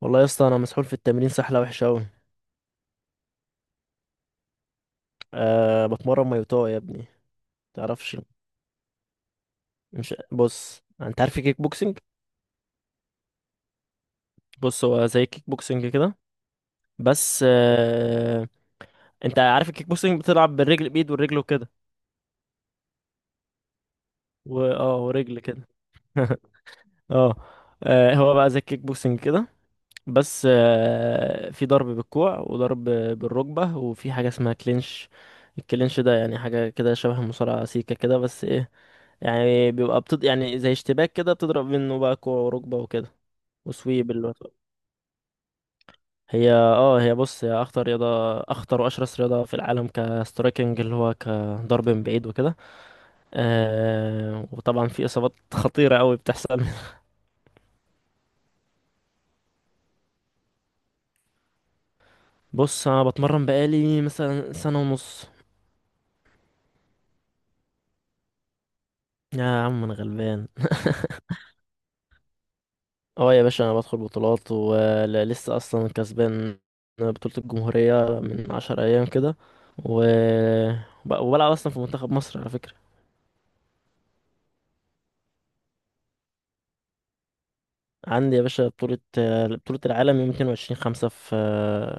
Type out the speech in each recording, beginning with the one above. والله يا اسطى، انا مسحول في التمرين سحله وحشه قوي. بتمرن مايوتو يا ابني. تعرفش؟ مش بص، انت عارف الكيك بوكسنج؟ بص، هو زي الكيك بوكسنج كده، بس انت عارف الكيك بوكسنج بتلعب بالرجل، بايد والرجل وكده. و... اه ورجل كده. اه. هو بقى زي الكيك بوكسنج كده، بس في ضرب بالكوع وضرب بالركبة، وفي حاجة اسمها كلينش. الكلينش ده يعني حاجة كده شبه المصارعة، سيكة كده بس ايه، يعني بيبقى يعني زي اشتباك كده، بتضرب منه بقى كوع وركبة وكده. وسويب اللي هو- هي بص، هي اخطر رياضة، اخطر واشرس رياضة في العالم كسترايكنج اللي هو كضرب من بعيد وكده. وطبعا في اصابات خطيرة قوي بتحصل. بص، انا بتمرن بقالي مثلا سنة ونص. يا عم انا غلبان. اه يا باشا، انا بدخل بطولات، ولسه اصلا كسبان بطولة الجمهورية من 10 ايام كده. و... وبلعب اصلا في منتخب مصر على فكرة. عندي يا باشا بطولة، بطولة العالم يوم 22 خمسة في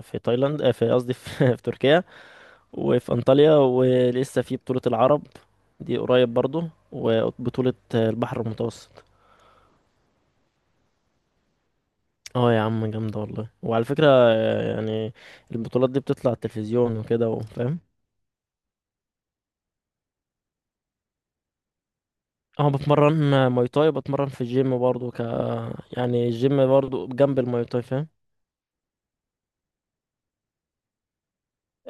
في تايلاند، في، قصدي في تركيا، وفي انطاليا. ولسه في بطولة العرب دي قريب برضو، وبطولة البحر المتوسط. اه يا عم، جامدة والله. وعلى فكرة يعني البطولات دي بتطلع على التلفزيون وكده، وفاهم. اه بتمرن ماي تاي، بتمرن في الجيم برضو، يعني الجيم برضو جنب الماي تاي، فاهم.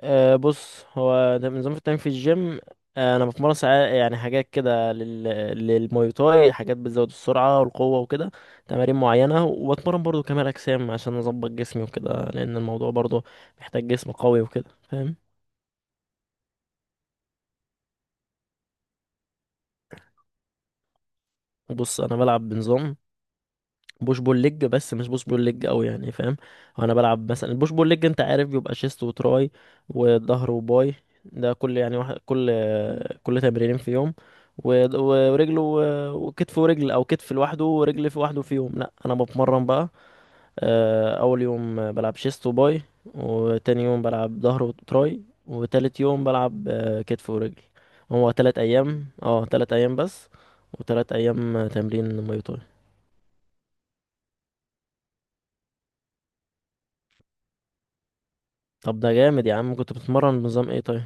أه بص، هو ده نظام التمرين في الجيم. انا بتمرن ساعات يعني حاجات كده للماي تاي، حاجات بتزود السرعه والقوه وكده، تمارين معينه. وبتمرن برضو كمال اجسام عشان اظبط جسمي وكده، لان الموضوع برضو محتاج جسم قوي وكده، فاهم. بص انا بلعب بنظام بوش بول ليج، بس مش بوش بول ليج قوي، يعني فاهم. وانا بلعب مثلا البوش بول ليج، انت عارف بيبقى شيست وتراي، وظهر وباي. ده كل يعني واحد، كل تمرينين في يوم. ورجل وكتف، ورجل او كتف لوحده ورجل في لوحده في يوم. لا انا بتمرن بقى اول يوم بلعب شيست وباي، وتاني يوم بلعب ظهر وتراي، وتالت يوم بلعب كتف ورجل. هو 3 ايام، اه تلات ايام بس. وتلات ايام تمرين ماي تاي. طب ده جامد يا عم. كنت بتتمرن بنظام ايه طيب؟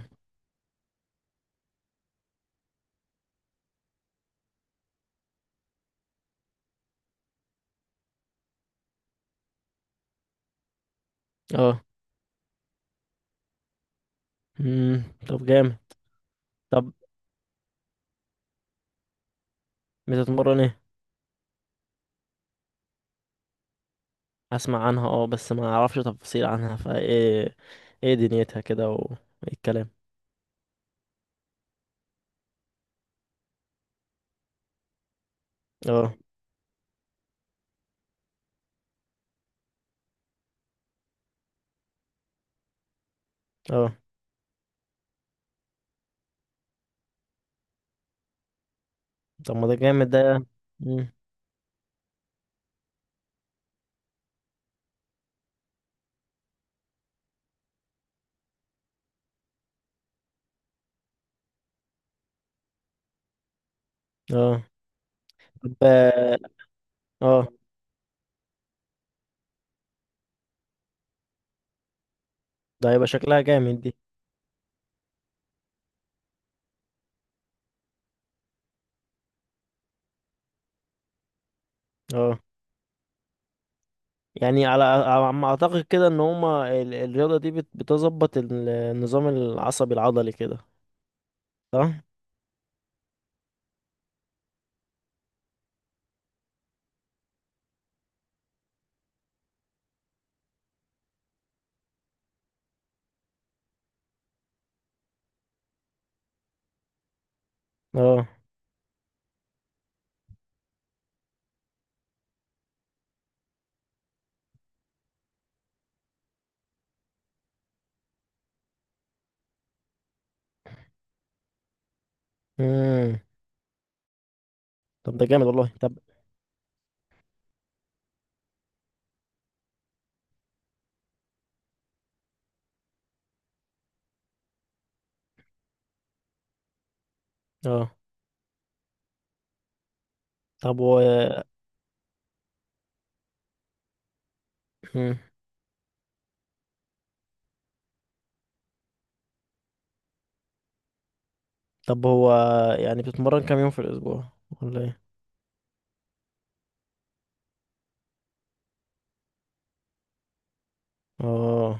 اه. امم طب جامد. طب بتتمرن ايه؟ اسمع عنها اه، بس ما اعرفش تفاصيل عنها، فايه ايه دنيتها كده، وايه الكلام؟ اه. اه طب ما ده جامد ده. مم. اه. طب اه آه، ده هيبقى شكلها جامد دي. اه، يعني على ما اعتقد كده ان هما الرياضة دي بتظبط النظام العصبي العضلي كده. صح. اه. امم طب ده جامد والله. طب اه. طب و، مم. طب هو يعني بتتمرن كام يوم في الأسبوع، ولا ايه؟ اه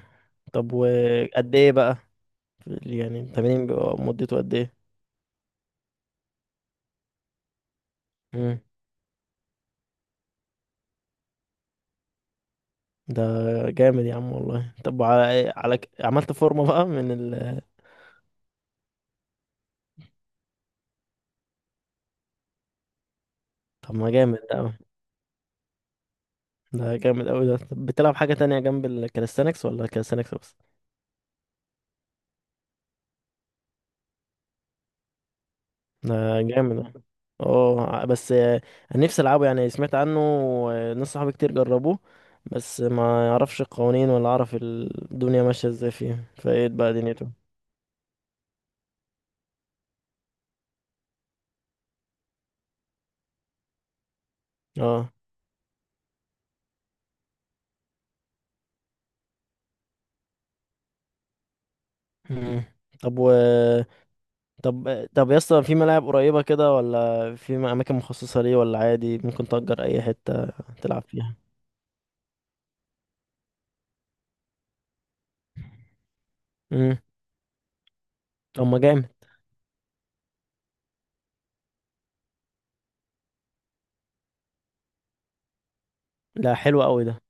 طب وقد ايه بقى؟ يعني التمرين بيبقى مدته قد ايه؟ مم. ده جامد يا عم والله. طب على عملت فورمة بقى من ال. طب ما جامد ده أوي، ده جامد أوي ده. طب بتلعب حاجة تانية جنب الكاليستانكس، ولا كاليستانكس بس؟ ده جامد ده. اه بس انا نفسي العبه، يعني سمعت عنه ناس صحابي كتير جربوه. بس ما يعرفش القوانين ولا عارف الدنيا ماشيه ازاي فيه، فايه بقى دنيته. اه. مم. طب و، طب طب يا اسطى، في ملاعب قريبه كده، ولا في اماكن مخصصه ليه، ولا عادي ممكن تأجر اي حته تلعب فيها؟ امم طب ما جامد. لا حلو قوي ده.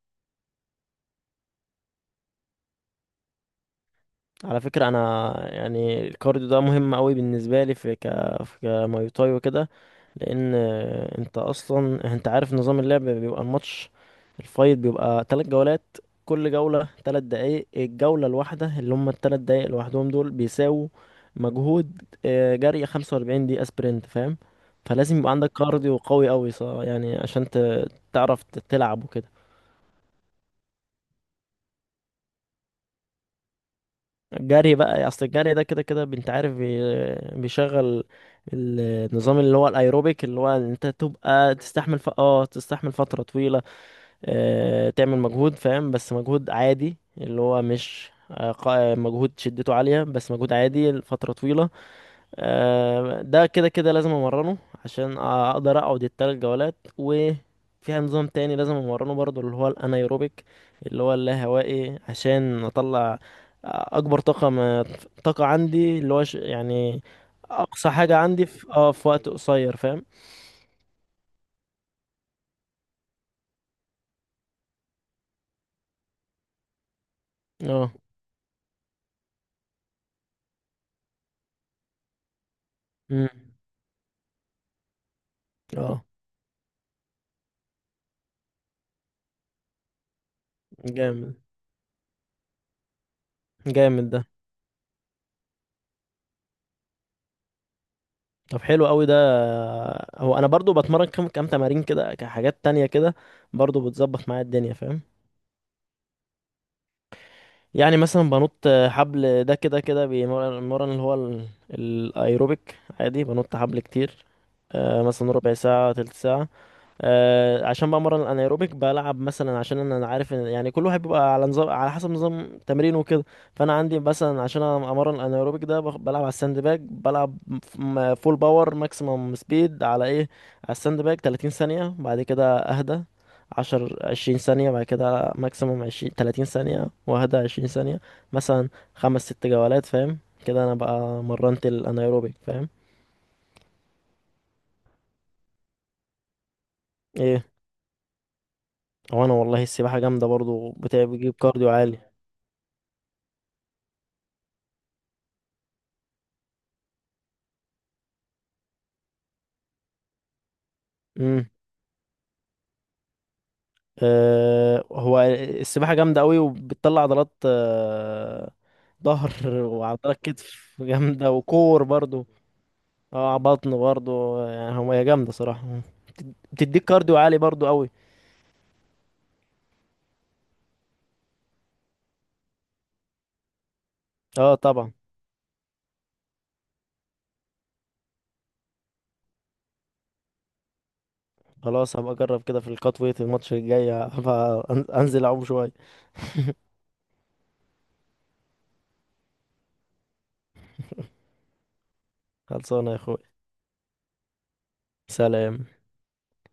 على فكره انا، يعني الكارديو ده مهم قوي بالنسبه لي في في كماي تاي وكده، لان انت اصلا، انت عارف نظام اللعب بيبقى الماتش، الفايت بيبقى 3 جولات، كل جولة 3 دقايق. الجولة الواحدة، اللي هم التلات دقايق لوحدهم، دول بيساووا مجهود جري 45 دقيقة سبرنت، فاهم. فلازم يبقى عندك كارديو قوي قوي يعني عشان تعرف تلعب وكده. الجري بقى، اصل الجري ده كده كده، انت عارف بيشغل النظام اللي هو الايروبيك، اللي هو انت تبقى تستحمل ف... اه تستحمل فترة طويلة. تعمل مجهود، فاهم، بس مجهود عادي، اللي هو مش مجهود شدته عالية، بس مجهود عادي لفترة طويلة. ده كده كده لازم امرنه، عشان اقدر اقعد التلات جولات. وفيها نظام تاني لازم امرنه برضو، اللي هو الانايروبيك، اللي هو اللاهوائي، عشان اطلع اكبر طاقة، ما طاقة عندي، اللي هو يعني اقصى حاجة عندي في في وقت قصير، فاهم. اه. مم. اه جامد، جامد ده. طب حلو قوي ده. هو انا برضو بتمرن كم تمارين كده، كحاجات تانية كده، برضو بتظبط معايا الدنيا، فاهم. يعني مثلا بنط حبل، ده كده كده بيمرن المرن اللي هو الايروبيك عادي. بنط حبل كتير، مثلا ربع ساعة، تلت ساعة. عشان بمرن الانايروبيك، بلعب مثلا، عشان انا عارف ان يعني كل واحد بيبقى على نظام على حسب نظام تمرينه وكده. فانا عندي مثلا عشان أنا امرن الانايروبيك ده، بلعب على الساند باج، بلعب فول باور ماكسيمم سبيد على ايه، على الساند باج 30 ثانية، بعد كده اهدى 10، 20 ثانية، بعد كده ماكسيمم 20، 30 ثانية، واهدى 20 ثانية مثلا. خمس ست جولات، فاهم. كده انا بقى مرنت الانايروبيك، فاهم. ايه؟ وانا والله السباحة جامدة برضو، بتجيب كارديو عالي. مم. هو السباحة جامدة قوي، وبتطلع عضلات ظهر، وعضلات كتف جامدة، وكور برضو. اه بطن برضو، يعني هو هي جامدة صراحة، بتديك كارديو عالي برضو قوي. اه طبعا. خلاص هبقى اجرب كده، في الكات ويت الماتش الجاي هبقى انزل اعوم شوية. خلصانة يا اخوي. سلام.